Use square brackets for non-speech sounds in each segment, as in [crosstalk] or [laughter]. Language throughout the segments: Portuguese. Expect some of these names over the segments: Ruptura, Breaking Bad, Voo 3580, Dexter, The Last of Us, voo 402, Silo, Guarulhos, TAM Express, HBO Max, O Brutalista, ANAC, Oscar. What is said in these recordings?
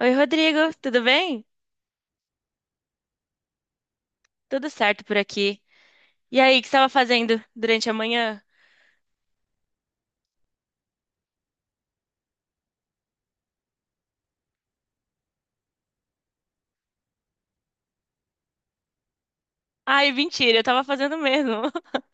Oi, Rodrigo, tudo bem? Tudo certo por aqui. E aí, o que você estava fazendo durante a manhã? Ai, mentira, eu estava fazendo mesmo. [laughs]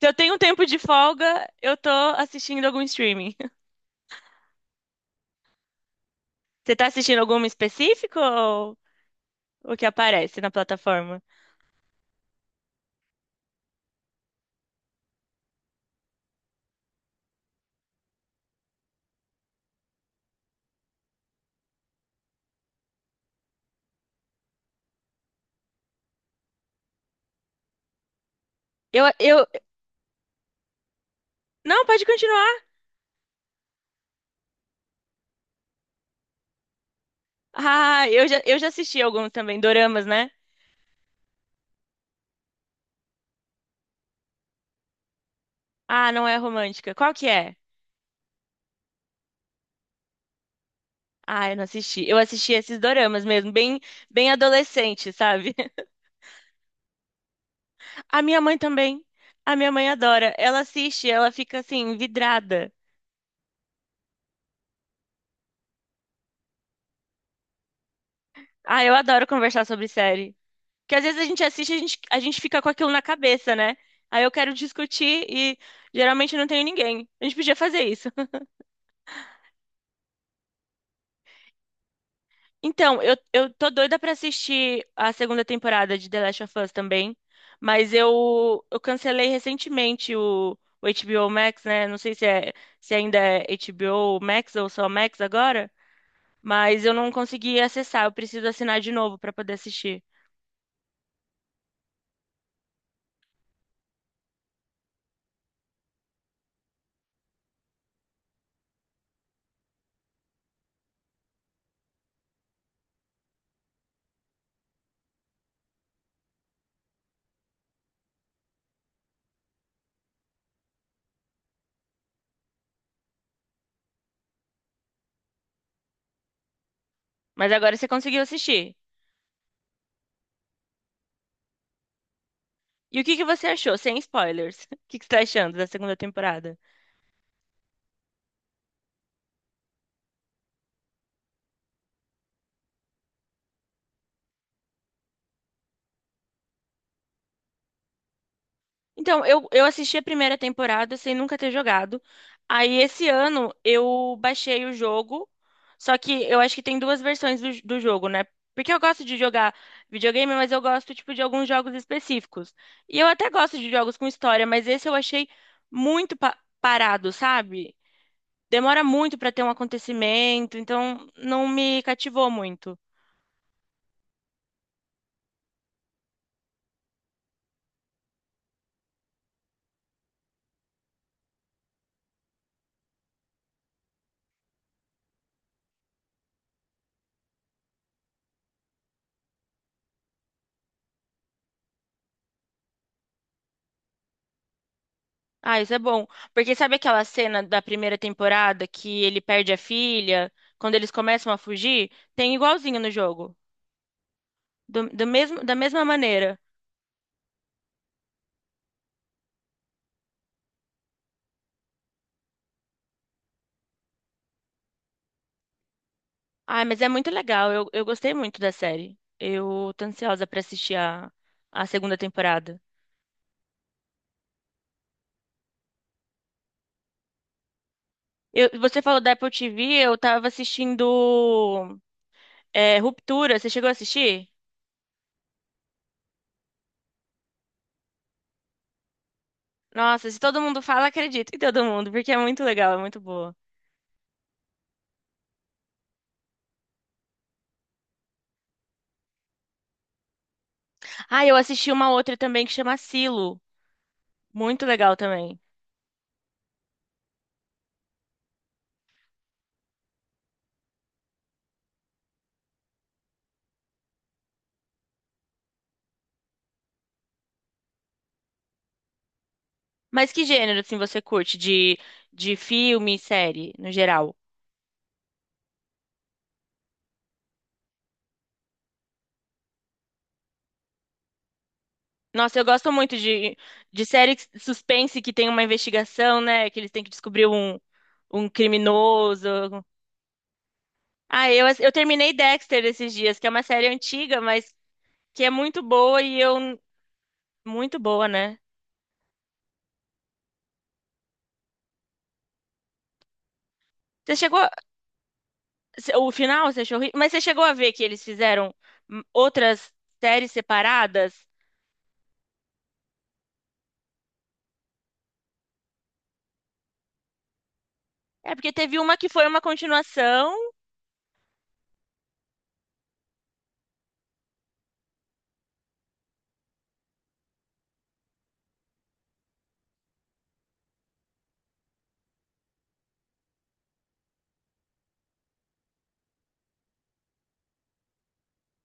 Se eu tenho um tempo de folga, eu tô assistindo algum streaming. [laughs] Você tá assistindo algum específico ou o que aparece na plataforma? Eu... Não, pode continuar. Ah, eu já assisti alguns também, doramas, né? Ah, não é romântica. Qual que é? Ah, eu não assisti. Eu assisti esses doramas mesmo, bem adolescente, sabe? A minha mãe também. A minha mãe adora. Ela assiste, ela fica assim, vidrada. Ah, eu adoro conversar sobre série. Porque às vezes a gente assiste, a gente fica com aquilo na cabeça, né? Aí eu quero discutir e geralmente não tenho ninguém. A gente podia fazer isso. [laughs] Então, eu tô doida pra assistir a segunda temporada de The Last of Us também. Mas eu cancelei recentemente o HBO Max, né? Não sei se, é, se ainda é HBO Max ou só Max agora. Mas eu não consegui acessar, eu preciso assinar de novo para poder assistir. Mas agora você conseguiu assistir. E o que que você achou? Sem spoilers. [laughs] O que que você tá achando da segunda temporada? Então, eu assisti a primeira temporada sem nunca ter jogado. Aí, esse ano, eu baixei o jogo. Só que eu acho que tem duas versões do jogo, né? Porque eu gosto de jogar videogame, mas eu gosto, tipo, de alguns jogos específicos. E eu até gosto de jogos com história, mas esse eu achei muito parado, sabe? Demora muito para ter um acontecimento, então não me cativou muito. Ah, isso é bom. Porque sabe aquela cena da primeira temporada que ele perde a filha, quando eles começam a fugir? Tem igualzinho no jogo. Do mesmo, da mesma maneira. Ah, mas é muito legal. Eu gostei muito da série. Eu tô ansiosa pra assistir a segunda temporada. Você falou da Apple TV, eu tava assistindo Ruptura. Você chegou a assistir? Nossa, se todo mundo fala, acredito em todo mundo, porque é muito legal, é muito boa. Ah, eu assisti uma outra também que chama Silo. Muito legal também. Mas que gênero, assim, você curte de filme, série, no geral? Nossa, eu gosto muito de série suspense que tem uma investigação, né? Que eles têm que descobrir um, um criminoso. Ah, eu, eu terminei Dexter esses dias, que é uma série antiga, mas que é muito boa e eu... Muito boa, né? Você chegou, o final você achou horrível? Mas você chegou a ver que eles fizeram outras séries separadas? É porque teve uma que foi uma continuação.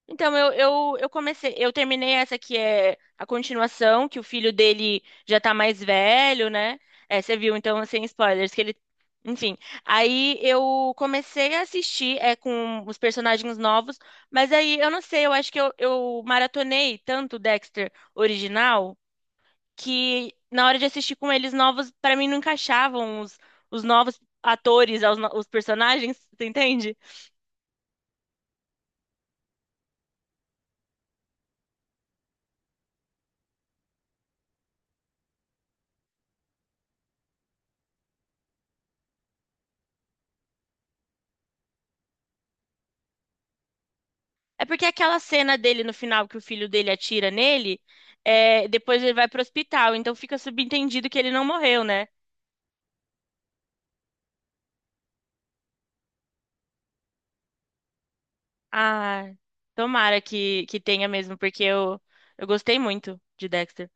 Então eu comecei, eu terminei essa que é a continuação, que o filho dele já tá mais velho, né? É, você viu, então, sem spoilers, que ele. Enfim. Aí eu comecei a assistir com os personagens novos, mas aí eu não sei, eu acho que eu maratonei tanto o Dexter original, que na hora de assistir com eles novos, pra mim não encaixavam os novos atores, aos personagens, [laughs] você entende? É porque aquela cena dele no final que o filho dele atira nele, é, depois ele vai pro hospital, então fica subentendido que ele não morreu, né? Ah, tomara que tenha mesmo, porque eu gostei muito de Dexter.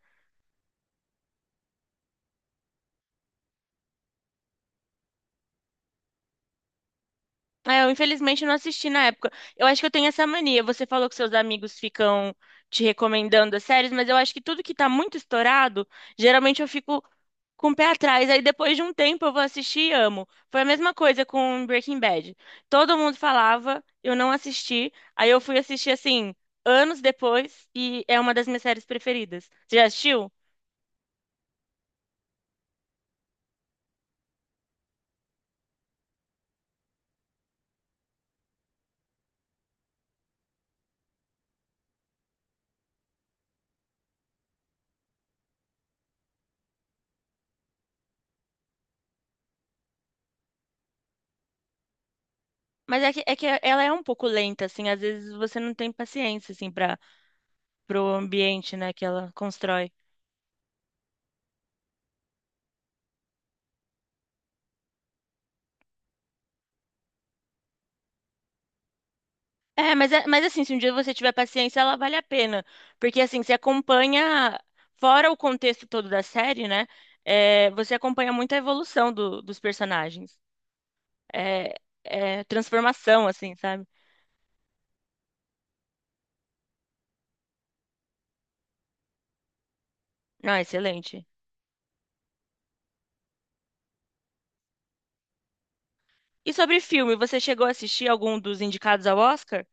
É, eu infelizmente não assisti na época. Eu acho que eu tenho essa mania. Você falou que seus amigos ficam te recomendando as séries, mas eu acho que tudo que tá muito estourado, geralmente eu fico com o pé atrás. Aí depois de um tempo eu vou assistir e amo. Foi a mesma coisa com Breaking Bad. Todo mundo falava, eu não assisti. Aí eu fui assistir assim, anos depois, e é uma das minhas séries preferidas. Você já assistiu? Mas é que ela é um pouco lenta, assim, às vezes você não tem paciência, assim, para pro ambiente, né, que ela constrói. É, mas, mas assim, se um dia você tiver paciência, ela vale a pena. Porque assim, você acompanha, fora o contexto todo da série, né? É, você acompanha muito a evolução dos personagens. É, é transformação, assim, sabe? Não, excelente. E sobre filme, você chegou a assistir algum dos indicados ao Oscar?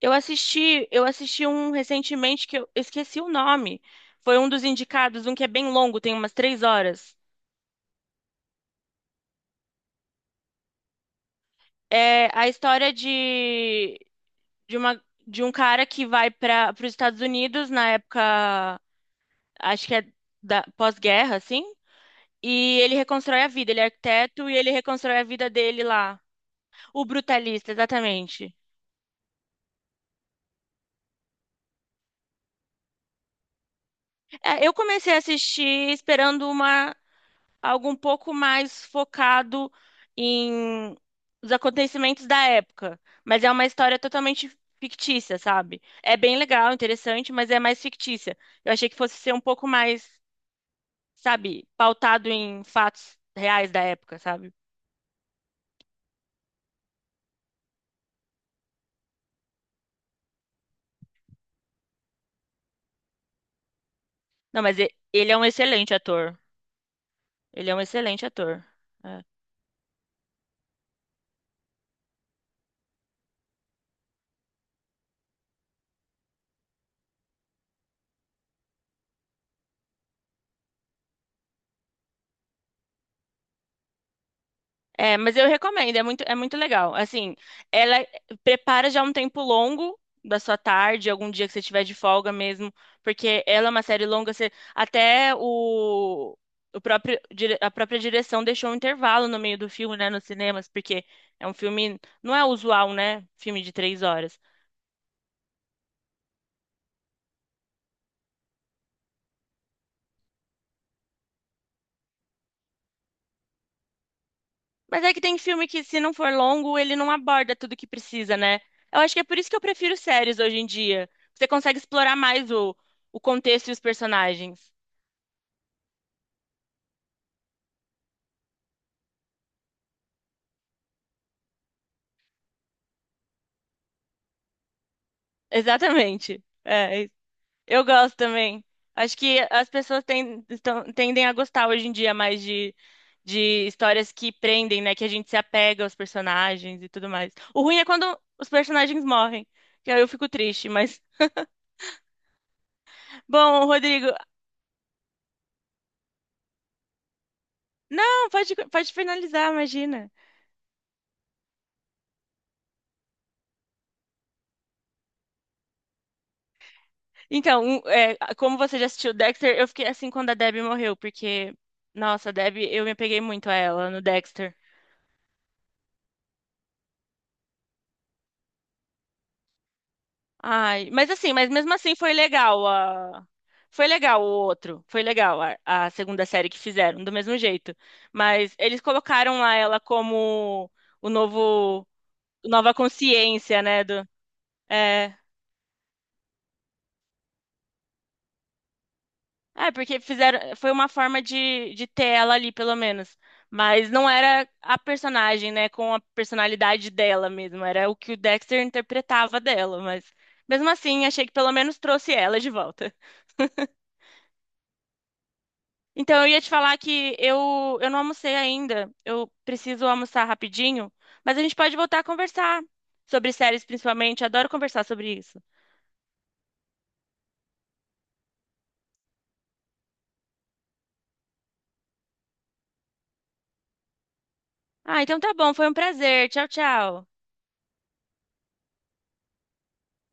Eu assisti um recentemente que eu esqueci o nome. Foi um dos indicados, um que é bem longo, tem umas três horas. É a história de uma de um cara que vai para os Estados Unidos na época, acho que é da pós-guerra, assim, e ele reconstrói a vida, ele é arquiteto e ele reconstrói a vida dele lá. O Brutalista, exatamente. É, eu comecei a assistir esperando uma algo um pouco mais focado em os acontecimentos da época, mas é uma história totalmente fictícia, sabe? É bem legal, interessante, mas é mais fictícia. Eu achei que fosse ser um pouco mais sabe, pautado em fatos reais da época, sabe? Não, mas ele é um excelente ator. Ele é um excelente ator. É, mas eu recomendo, é muito legal. Assim, ela prepara já um tempo longo da sua tarde, algum dia que você tiver de folga mesmo, porque ela é uma série longa, você, até o próprio, a própria direção deixou um intervalo no meio do filme, né, nos cinemas, porque é um filme, não é usual, né, filme de três horas. Mas é que tem filme que, se não for longo, ele não aborda tudo que precisa, né? Eu acho que é por isso que eu prefiro séries hoje em dia. Você consegue explorar mais o contexto e os personagens. Exatamente. É, eu gosto também. Acho que as pessoas tendem a gostar hoje em dia mais de histórias que prendem, né? Que a gente se apega aos personagens e tudo mais. O ruim é quando os personagens morrem, que aí eu fico triste, mas. Bom, Rodrigo. Não, pode finalizar, imagina. Então, é, como você já assistiu Dexter, eu fiquei assim quando a Debbie morreu, porque, nossa, a Debbie, eu me apeguei muito a ela no Dexter. Ai, mas assim, mas mesmo assim foi legal a... Foi legal o outro, foi legal a segunda série que fizeram, do mesmo jeito. Mas eles colocaram lá ela como o novo, nova consciência, né, do... É, porque fizeram, foi uma forma de ter ela ali, pelo menos. Mas não era a personagem, né, com a personalidade dela mesmo, era o que o Dexter interpretava dela, mas mesmo assim, achei que pelo menos trouxe ela de volta. Então eu ia te falar que eu não almocei ainda, eu preciso almoçar rapidinho, mas a gente pode voltar a conversar sobre séries principalmente, adoro conversar sobre isso. Ah, então tá bom, foi um prazer. Tchau, tchau.